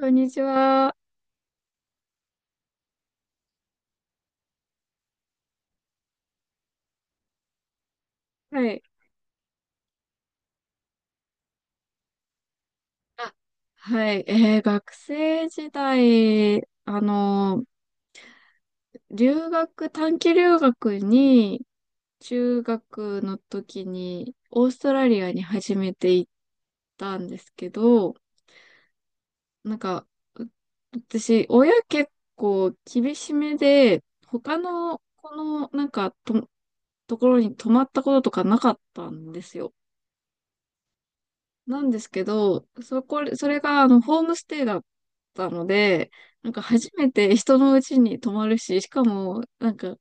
こんにちは。はい。あ、はい。学生時代、短期留学に、中学の時に、オーストラリアに初めて行ったんですけど、なんか、う私、親結構厳しめで、他の、この、なんかと、ところに泊まったこととかなかったんですよ。なんですけど、それがホームステイだったので、なんか初めて人の家に泊まるし、しかも、なんか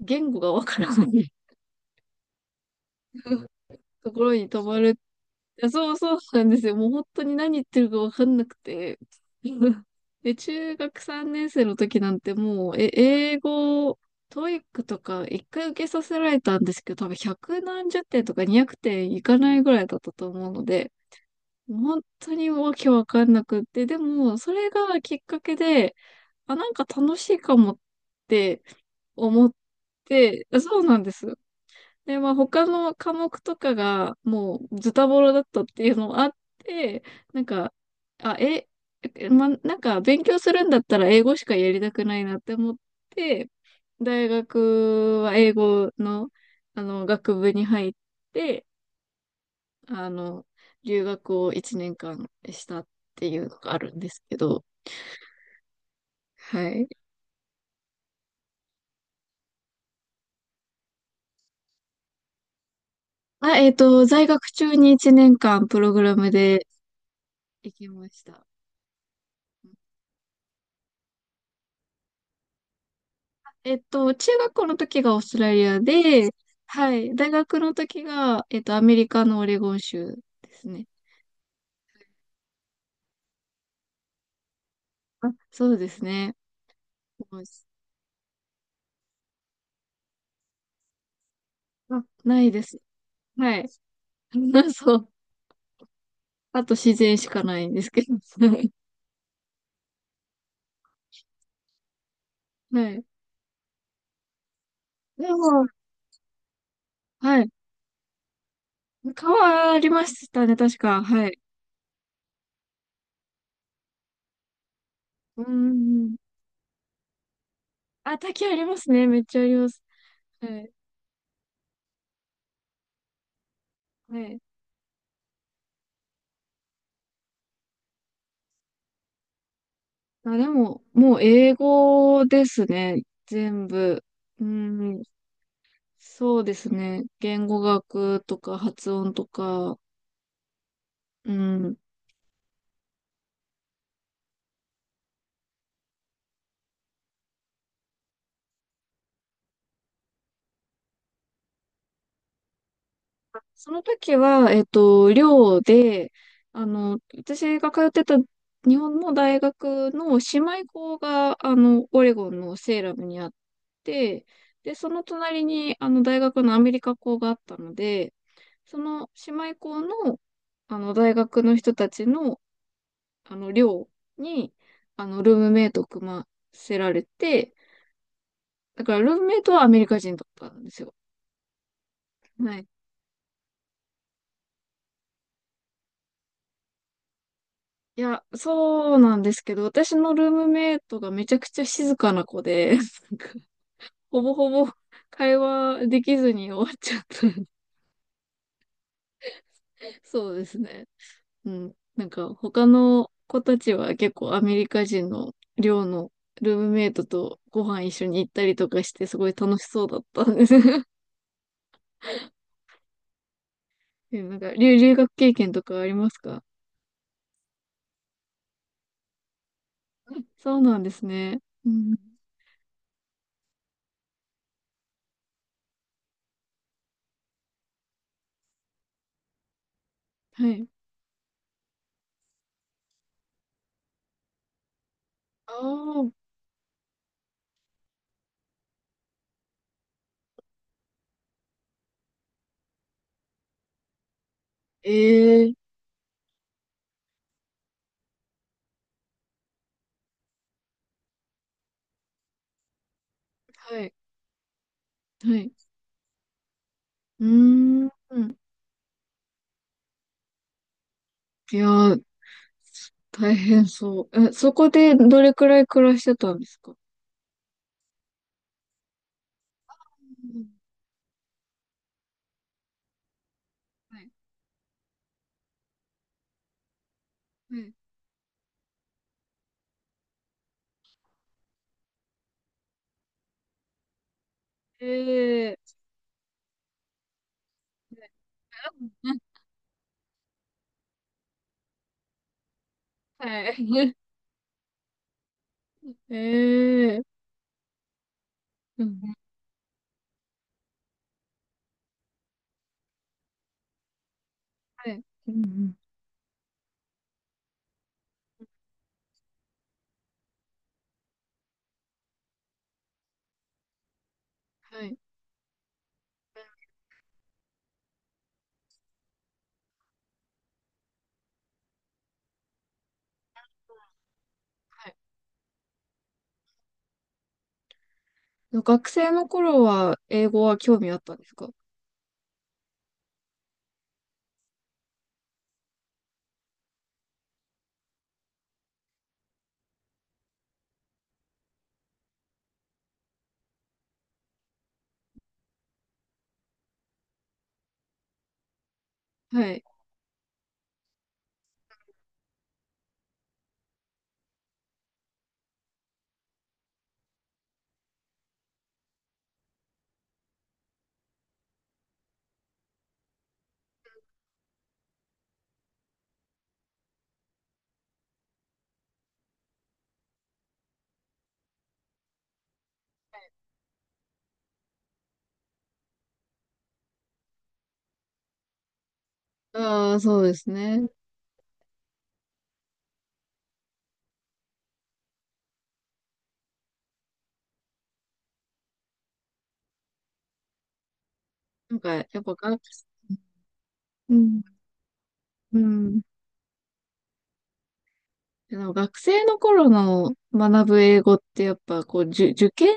言語がわからない ところに泊まる。いや、そうそうなんですよ。もう本当に何言ってるかわかんなくて。で、中学3年生の時なんてもう、え、英語、トイックとか一回受けさせられたんですけど、多分100何十点とか200点いかないぐらいだったと思うので、本当にわけわかんなくって、でも、それがきっかけで、あ、なんか楽しいかもって思って、あ、そうなんです。で、まあ他の科目とかがもうズタボロだったっていうのもあって、なんか、あ、え、なんか勉強するんだったら英語しかやりたくないなって思って、大学は英語の、学部に入って、あの、留学を1年間したっていうのがあるんですけど、はい。在学中に1年間プログラムで行きました。中学校の時がオーストラリアで、はい、大学の時が、アメリカのオレゴン州ですね。あ、そうですね。もうあ、ないです。はい。そう。あと自然しかないんですけど。はい。でも、はい。川ありましたね、確か。はい。うーん。あ、滝ありますね。めっちゃあります。はい。はい。あ、でも、もう英語ですね。全部。うーん。そうですね。言語学とか発音とか。うん。その時は、寮で、私が通ってた日本の大学の姉妹校が、オレゴンのセーラムにあって、で、その隣に、大学のアメリカ校があったので、その姉妹校の、大学の人たちの、寮に、ルームメイトを組ませられて、だから、ルームメイトはアメリカ人だったんですよ。はい、いや、そうなんですけど、私のルームメイトがめちゃくちゃ静かな子で、なんかほぼほぼ会話できずに終わっちゃった。そうですね。うん。なんか他の子たちは結構アメリカ人の寮のルームメイトとご飯一緒に行ったりとかしてすごい楽しそうだったんです。なんか留学経験とかありますか？うん、そうなんですね。うん。はい。ああ、ええ、はい。はい。うーん。いやー、大変そう。え、そこでどれくらい暮らしてたんですか？うん、はい。はい。ええ、うん、はい。ええ、うん。はい。うん、うん。はい。はい。学生の頃は英語は興味あったんですか？はい。ああ、そうですね。なんか、やっぱがうん、うん。でも学生の頃の学ぶ英語ってやっぱこう、受験、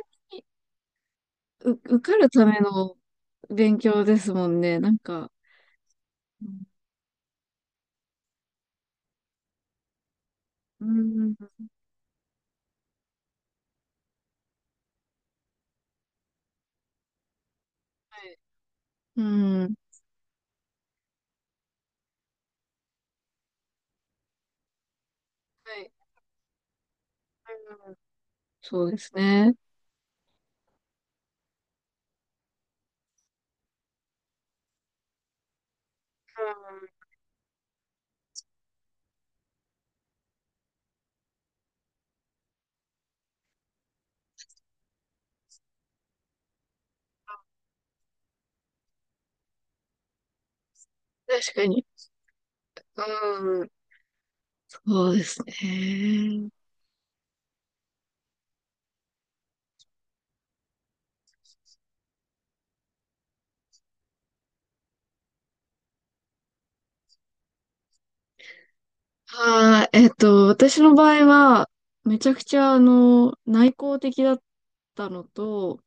受かるための勉強ですもんね。なんか、うん。うん、はい。うん。うん、はい。うん。そうですね。うん、確かに。うん。そうですね。はい。私の場合は、めちゃくちゃ、内向的だったのと、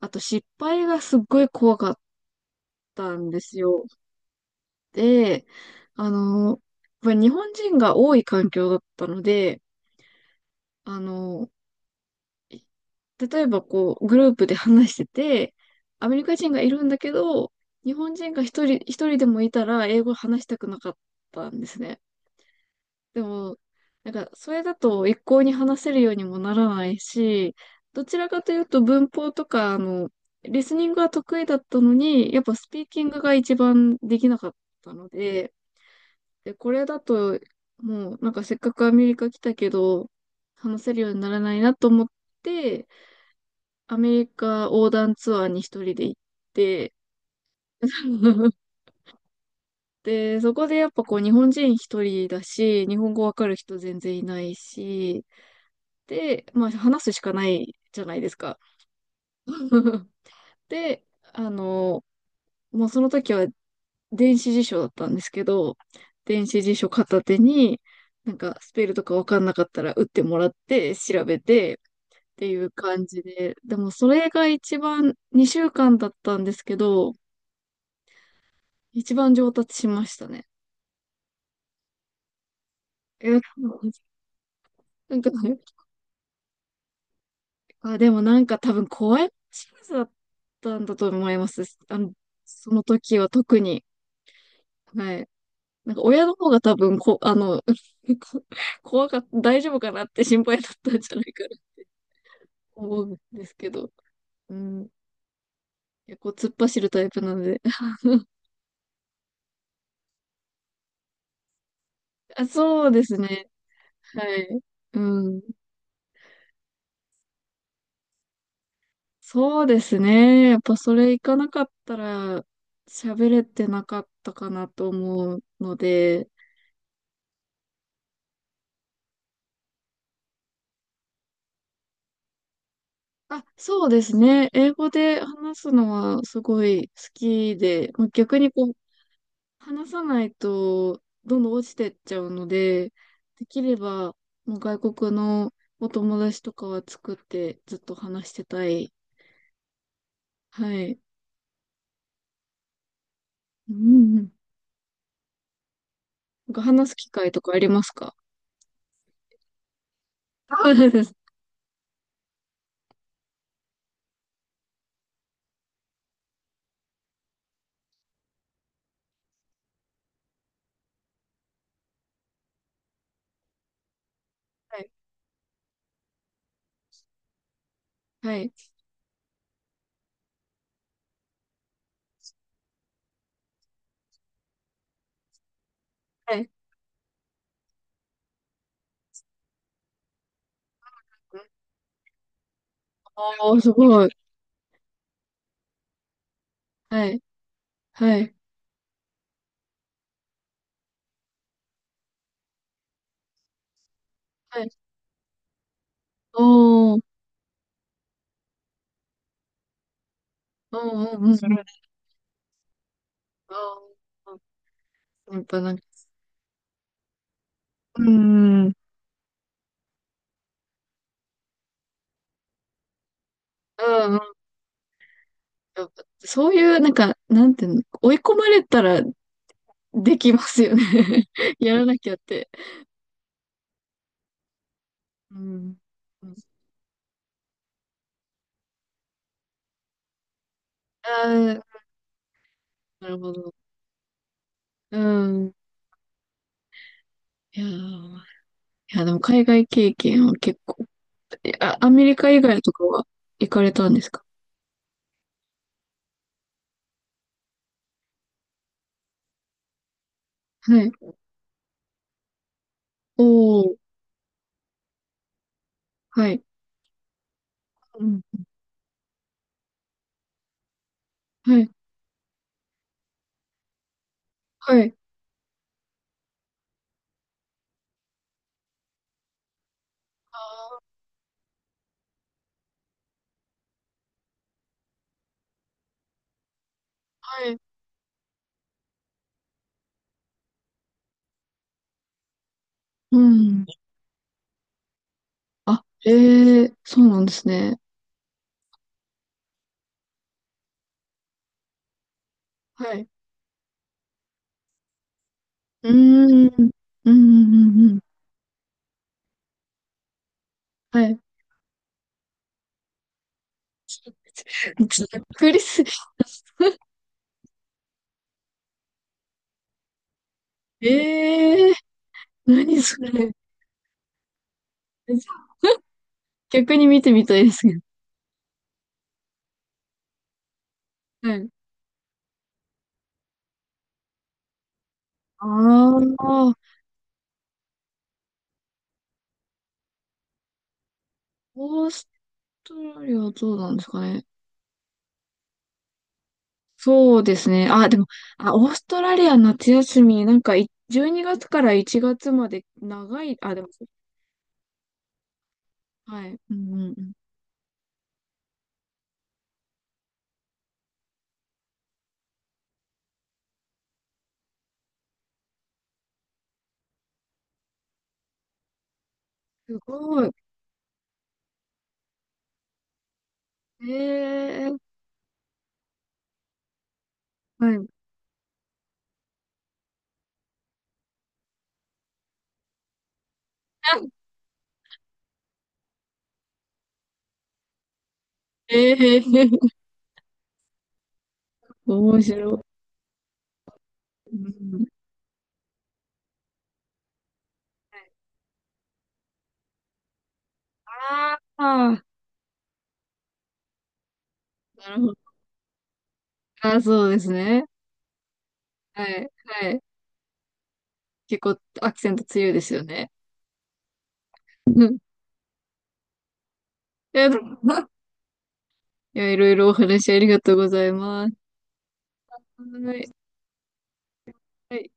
あと失敗がすっごい怖かったんですよ。で、やっぱり日本人が多い環境だったので、あの、例えばこう、グループで話してて、アメリカ人がいるんだけど、日本人が一人でもいたら英語話したくなかったんですね。でも、なんか、それだと一向に話せるようにもならないし、どちらかというと文法とか、リスニングは得意だったのに、やっぱスピーキングが一番できなかったので、で、これだと、もう、なんかせっかくアメリカ来たけど、話せるようにならないなと思って、アメリカ横断ツアーに一人で行って、で、そこでやっぱこう日本人一人だし、日本語わかる人全然いないし、で、まあ話すしかないじゃないですか。で、あの、もうその時は電子辞書だったんですけど、電子辞書片手に、なんかスペルとかわかんなかったら打ってもらって調べてっていう感じで、でもそれが一番2週間だったんですけど、一番上達しましたね。え、なんか、あ、でもなんか多分怖いシリーズだったんだと思います。あの、その時は特に。はい。なんか親の方が多分こ、あの、こ怖かった、大丈夫かなって心配だったんじゃないかなと思うんですけど。うん。結構突っ走るタイプなので。あ、そうですね。はい。うん。そうですね。やっぱそれ行かなかったら喋れてなかったかなと思うので、あ、そうですね。英語で話すのはすごい好きで、まあ逆にこう、話さないとどんどん落ちてっちゃうので、できればもう外国のお友達とかは作ってずっと話してたい。はい。うん、うん。なんか話す機会とかありますか？あ、そうです。はい。はい。はい。おー、すごい。はい、はい、はい。おー、おー、おー、うん、それはねおーうんやっぱなんか、うん、うん、うん、やっぱそういう、なんか、なんていうの、追い込まれたらできますよね。やらなきゃって。うん。うん、ああ、なるほど。うん。いやー、いや、でも海外経験は結構、あ、アメリカ以外とかは行かれたんですか？はい。おー、はい。うん。はい、はい。あー、はい。うん。あ、へえ、そうなんですね。はい。うーん。うん、うん、うん、うん。はい。ざっくりす、ええ、何それ。逆に見てみたいですけど。はい。ああ、オーストラリアはどうなんですかね。そうですね。あ、でも、あ、オーストラリア夏休み、なんかい、12月から1月まで長い、あ、でも、はい。うん、うん、うん。すごい。ええ、はい。ええ、面白い。うん、うん。ああ、なるほど。ああ、そうですね。はい、はい。結構アクセント強いですよね。うん。いや、でもいろいろお話ありがとうございます。はい。はい